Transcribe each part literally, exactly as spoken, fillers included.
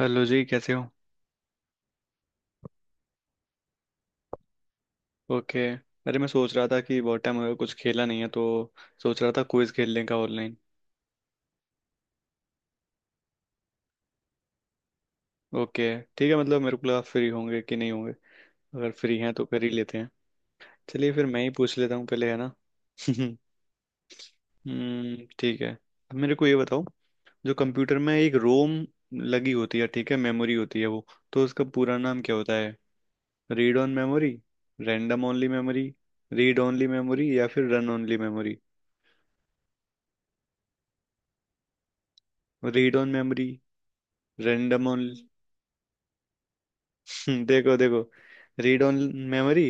Hello जी, कैसे हो। ओके। अरे, मैं सोच रहा था कि बहुत टाइम हो गया कुछ खेला नहीं है, तो सोच रहा था क्विज खेलने का ऑनलाइन। ओके। ठीक है, मतलब मेरे को लगा फ्री होंगे कि नहीं होंगे। अगर फ्री हैं तो कर ही लेते हैं। चलिए फिर मैं ही पूछ लेता हूँ पहले, है ना। हम्म, ठीक है। अब मेरे को ये बताओ, जो कंप्यूटर में एक रोम लगी होती है, ठीक है, मेमोरी होती है वो, तो उसका पूरा नाम क्या होता है। Read on memory, random only memory, read only memory या फिर run only memory. Read on memory, random. Hmm, देखो देखो, read only memory,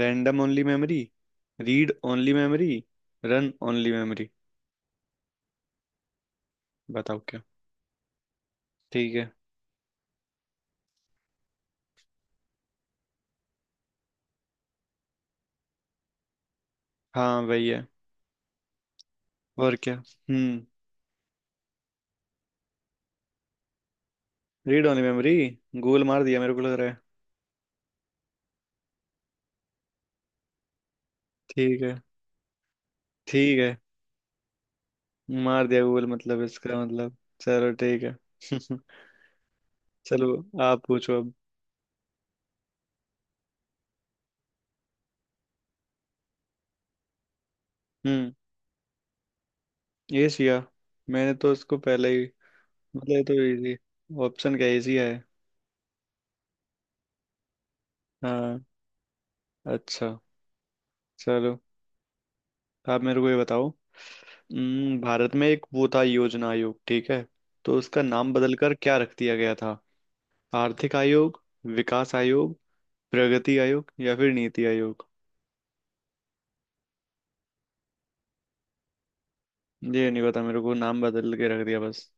random only memory, read only memory, run only memory. बताओ क्या। ठीक है। हाँ, वही है। और क्या। Hmm, read only memory. Google मार दिया मेरे को लग रहा है। ठीक है। ठीक है। मार दिया गूगल, मतलब इसका मतलब। चलो ठीक है। चलो, आप पूछो अब। हम्म। एशिया। मैंने तो इसको पहले ही मतलब, ये तो इजी। ऑप्शन क्या, एशिया है। हाँ। अच्छा। चलो। आप मेरे को ये बताओ, हम्म, भारत में एक वो था योजना आयोग, ठीक है, तो उसका नाम बदलकर क्या रख दिया गया था। आर्थिक आयोग, विकास आयोग, प्रगति आयोग या फिर नीति आयोग। ये नहीं पता मेरे को, नाम बदल के रख दिया बस।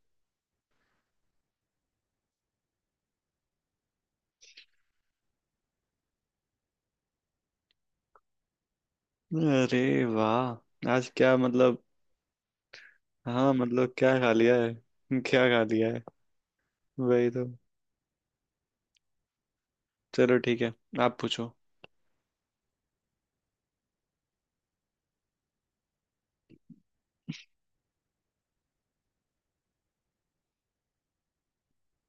अरे वाह, आज क्या मतलब। हाँ मतलब, क्या खा लिया है। क्या खा लिया है। वही तो। चलो ठीक है। आप पूछो।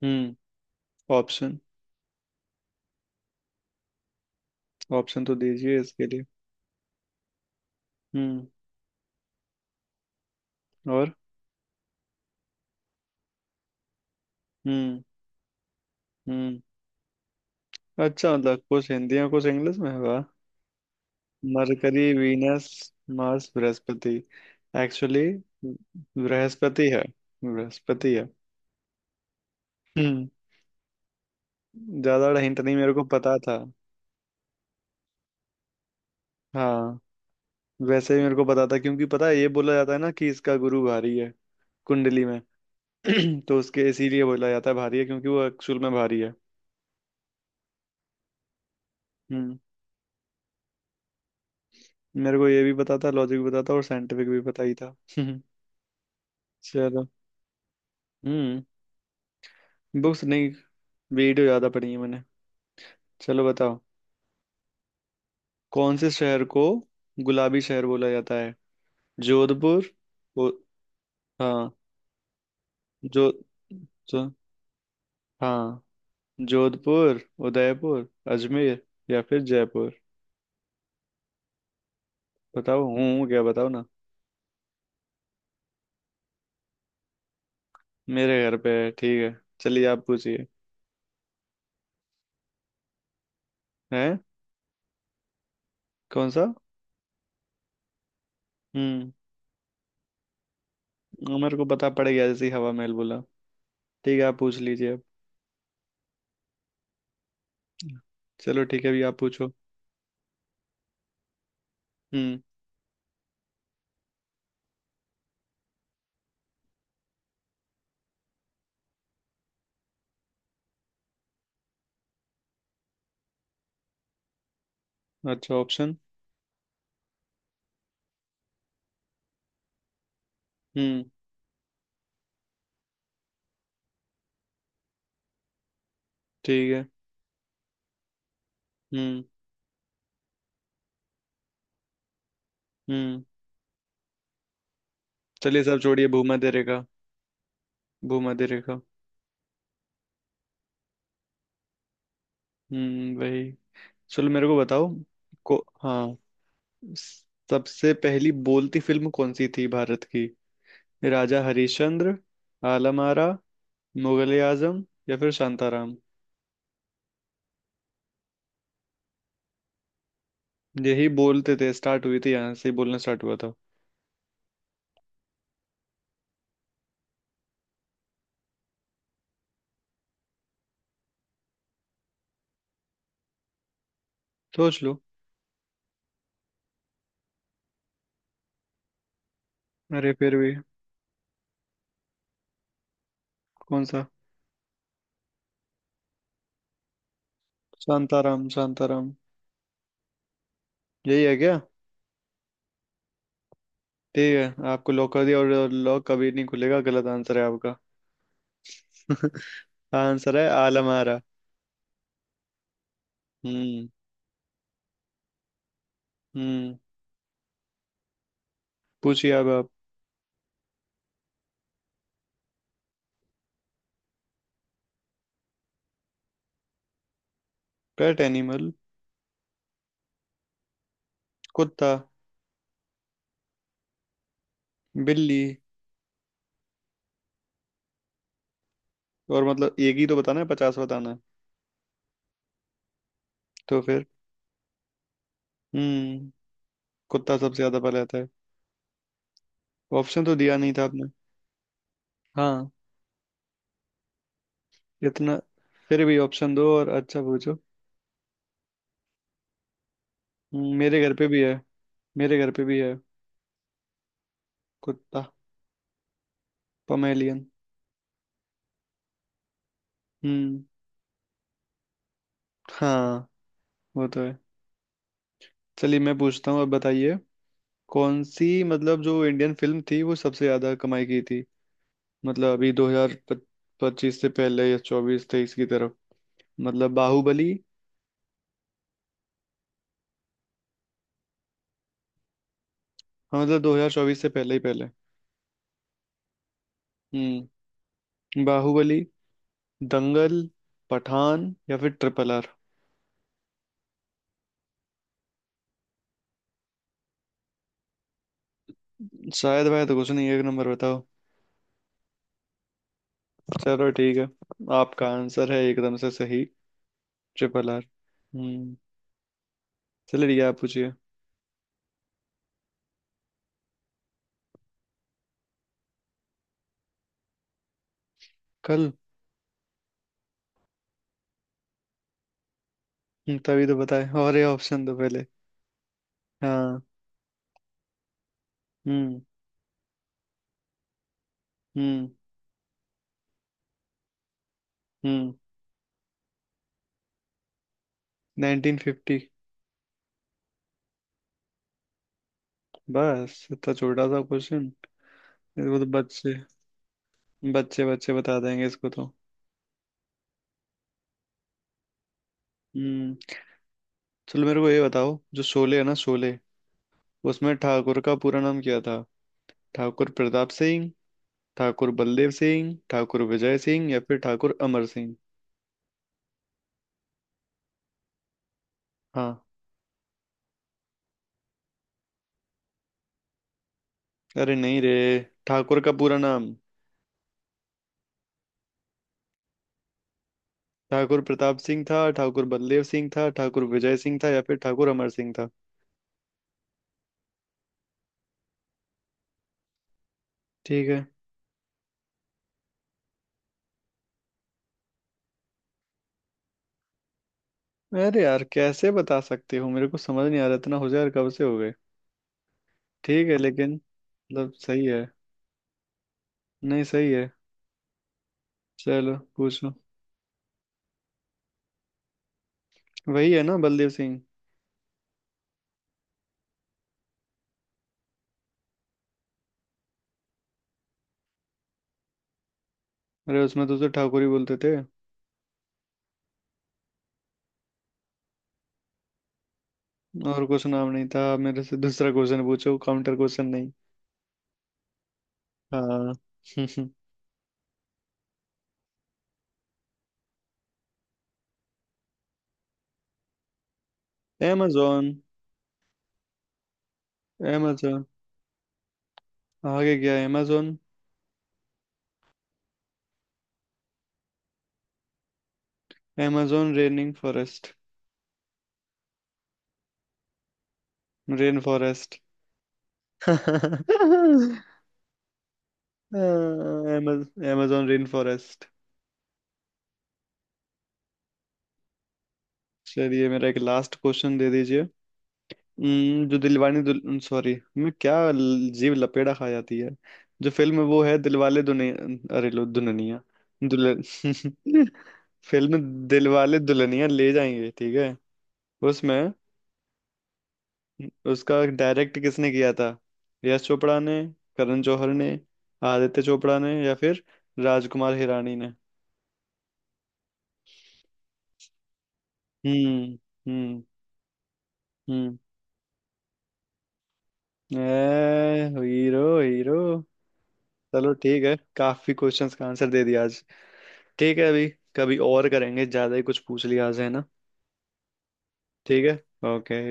हम्म। ऑप्शन, ऑप्शन तो दीजिए इसके लिए। हम्म। और। हम्म। हम्म। अच्छा मतलब, कुछ हिंदी में कुछ इंग्लिश में होगा। मरकरी, वीनस, मार्स, बृहस्पति। एक्चुअली बृहस्पति है। बृहस्पति है। हम्म। ज्यादा हिंट नहीं, मेरे को पता था। हाँ, वैसे ही मेरे को पता था, क्योंकि पता है ये बोला जाता है ना कि इसका गुरु भारी है कुंडली में। तो उसके इसीलिए बोला जाता है भारी है, क्योंकि वो एक्चुअल में भारी है। हम्म। मेरे को ये भी पता था, लॉजिक भी पता था और साइंटिफिक भी पता ही था। चलो। हम्म। बुक्स नहीं, वीडियो ज्यादा पढ़ी है मैंने। चलो बताओ। कौन से शहर को गुलाबी शहर बोला जाता है। जोधपुर। उ, हाँ। जो, जो, हाँ, जोधपुर, उदयपुर, अजमेर या फिर जयपुर। बताओ हूँ, क्या बताओ ना। मेरे घर पे है, ठीक है। चलिए आप पूछिए। हैं। कौन सा। हम्म। मेरे को पता पड़ गया जैसे ही हवा महल बोला। ठीक है, आप पूछ लीजिए अब। चलो ठीक है, अभी आप पूछो। हम्म। अच्छा, ऑप्शन। हम्म। ठीक है। हम्म। हम्म। चलिए सब छोड़िए, भूमध्य रेखा। भूमध्य रेखा। हम्म, वही। चलो मेरे को बताओ। को। हाँ, स- सबसे पहली बोलती फिल्म कौन सी थी भारत की। राजा हरिश्चंद्र, आलम आरा, मुगले आजम या फिर शांताराम। यही बोलते थे, स्टार्ट हुई थी यहाँ से ही, बोलना स्टार्ट हुआ था। सोच लो। अरे फिर भी। कौन सा। शांताराम, शांताराम यही है क्या। ठीक है, आपको लॉक कर दिया और और लॉक कभी नहीं खुलेगा, गलत आंसर है आपका। आंसर है आलम आरा। हम्म। हम्म। पूछिए अब आप। Pet animal. कुत्ता। बिल्ली। और मतलब एक ही तो बताना है, पचास बताना है। तो फिर। हम्म। कुत्ता सबसे ज्यादा पहले आता है। ऑप्शन तो दिया नहीं था आपने। हाँ। इतना। फिर भी ऑप्शन दो और अच्छा पूछो। हम्म, मेरे घर पे भी है। मेरे घर पे भी है। कुत्ता। पमेलियन। हम्म। हाँ, वो तो है। चलिए मैं पूछता हूँ, अब बताइए। कौन सी मतलब, जो इंडियन फिल्म थी वो सबसे ज्यादा कमाई की थी। मतलब अभी दो हजार पच्चीस से पहले, या चौबीस तेईस की तरफ, मतलब बाहुबली। हाँ मतलब, दो हजार चौबीस से पहले ही पहले। हम्म। बाहुबली, दंगल, पठान या फिर ट्रिपल आर। शायद भाई तो कुछ नहीं, एक नंबर बताओ। चलो ठीक है। आपका आंसर है एकदम से सही, ट्रिपल आर। हम्म। चलो ठीक है, आप पूछिए। कल। हम्म, तभी तो बताए, और ये ऑप्शन तो पहले। हाँ। Hmm. Hmm. Hmm. Nineteen fifty. बस इतना छोटा सा क्वेश्चन, इसको तो बच्चे, बच्चे बच्चे बता देंगे इसको तो। हम्म। चलो मेरे को ये बताओ, जो शोले है ना, शोले, उसमें ठाकुर का पूरा नाम क्या था। ठाकुर प्रताप सिंह, ठाकुर बलदेव सिंह, ठाकुर विजय सिंह या फिर ठाकुर अमर सिंह। हाँ। अरे नहीं रे, ठाकुर का पूरा नाम। ठाकुर प्रताप सिंह था, ठाकुर बलदेव सिंह था, ठाकुर विजय सिंह था या फिर ठाकुर अमर सिंह था। ठीक है। अरे यार, कैसे बता सकते हो, मेरे को समझ नहीं आ रहा, इतना हो जाए यार, कब से हो गए। ठीक है लेकिन, मतलब सही है। नहीं सही है। चलो पूछो। वही है ना, बलदेव सिंह। अरे उसमें तो उसे ठाकुर ही बोलते थे। और कुछ नाम नहीं था, मेरे से दूसरा क्वेश्चन पूछो, काउंटर क्वेश्चन नहीं। हाँ। amazon। amazon। आगे गया amazon। amazon raining forest. Rain forest. amazon rain forest. चलिए मेरा एक लास्ट क्वेश्चन दे दीजिए। हम्म, जो दिलवाने दुल, सॉरी, मैं क्या ल- जीव लपेड़ा खा जाती है। जो फिल्म है वो है दिलवाले दुनिया, अरे लो, दुल्हनिया, दुल्हन। फिल्म दिलवाले दुल्हनिया ले जाएंगे, ठीक है। उसमें उसका डायरेक्ट किसने किया था। यश चोपड़ा ने, करण जौहर ने, आदित्य चोपड़ा ने या फिर राजकुमार हिरानी ने। Hmm. Hmm. Hmm. A hero, hero. चलो ठीक है, काफी क्वेश्चंस का आंसर दे दिया आज। ठीक है अभी, कभी और करेंगे, ज्यादा ही कुछ पूछ लिया आज, है ना। ठीक है। ओके।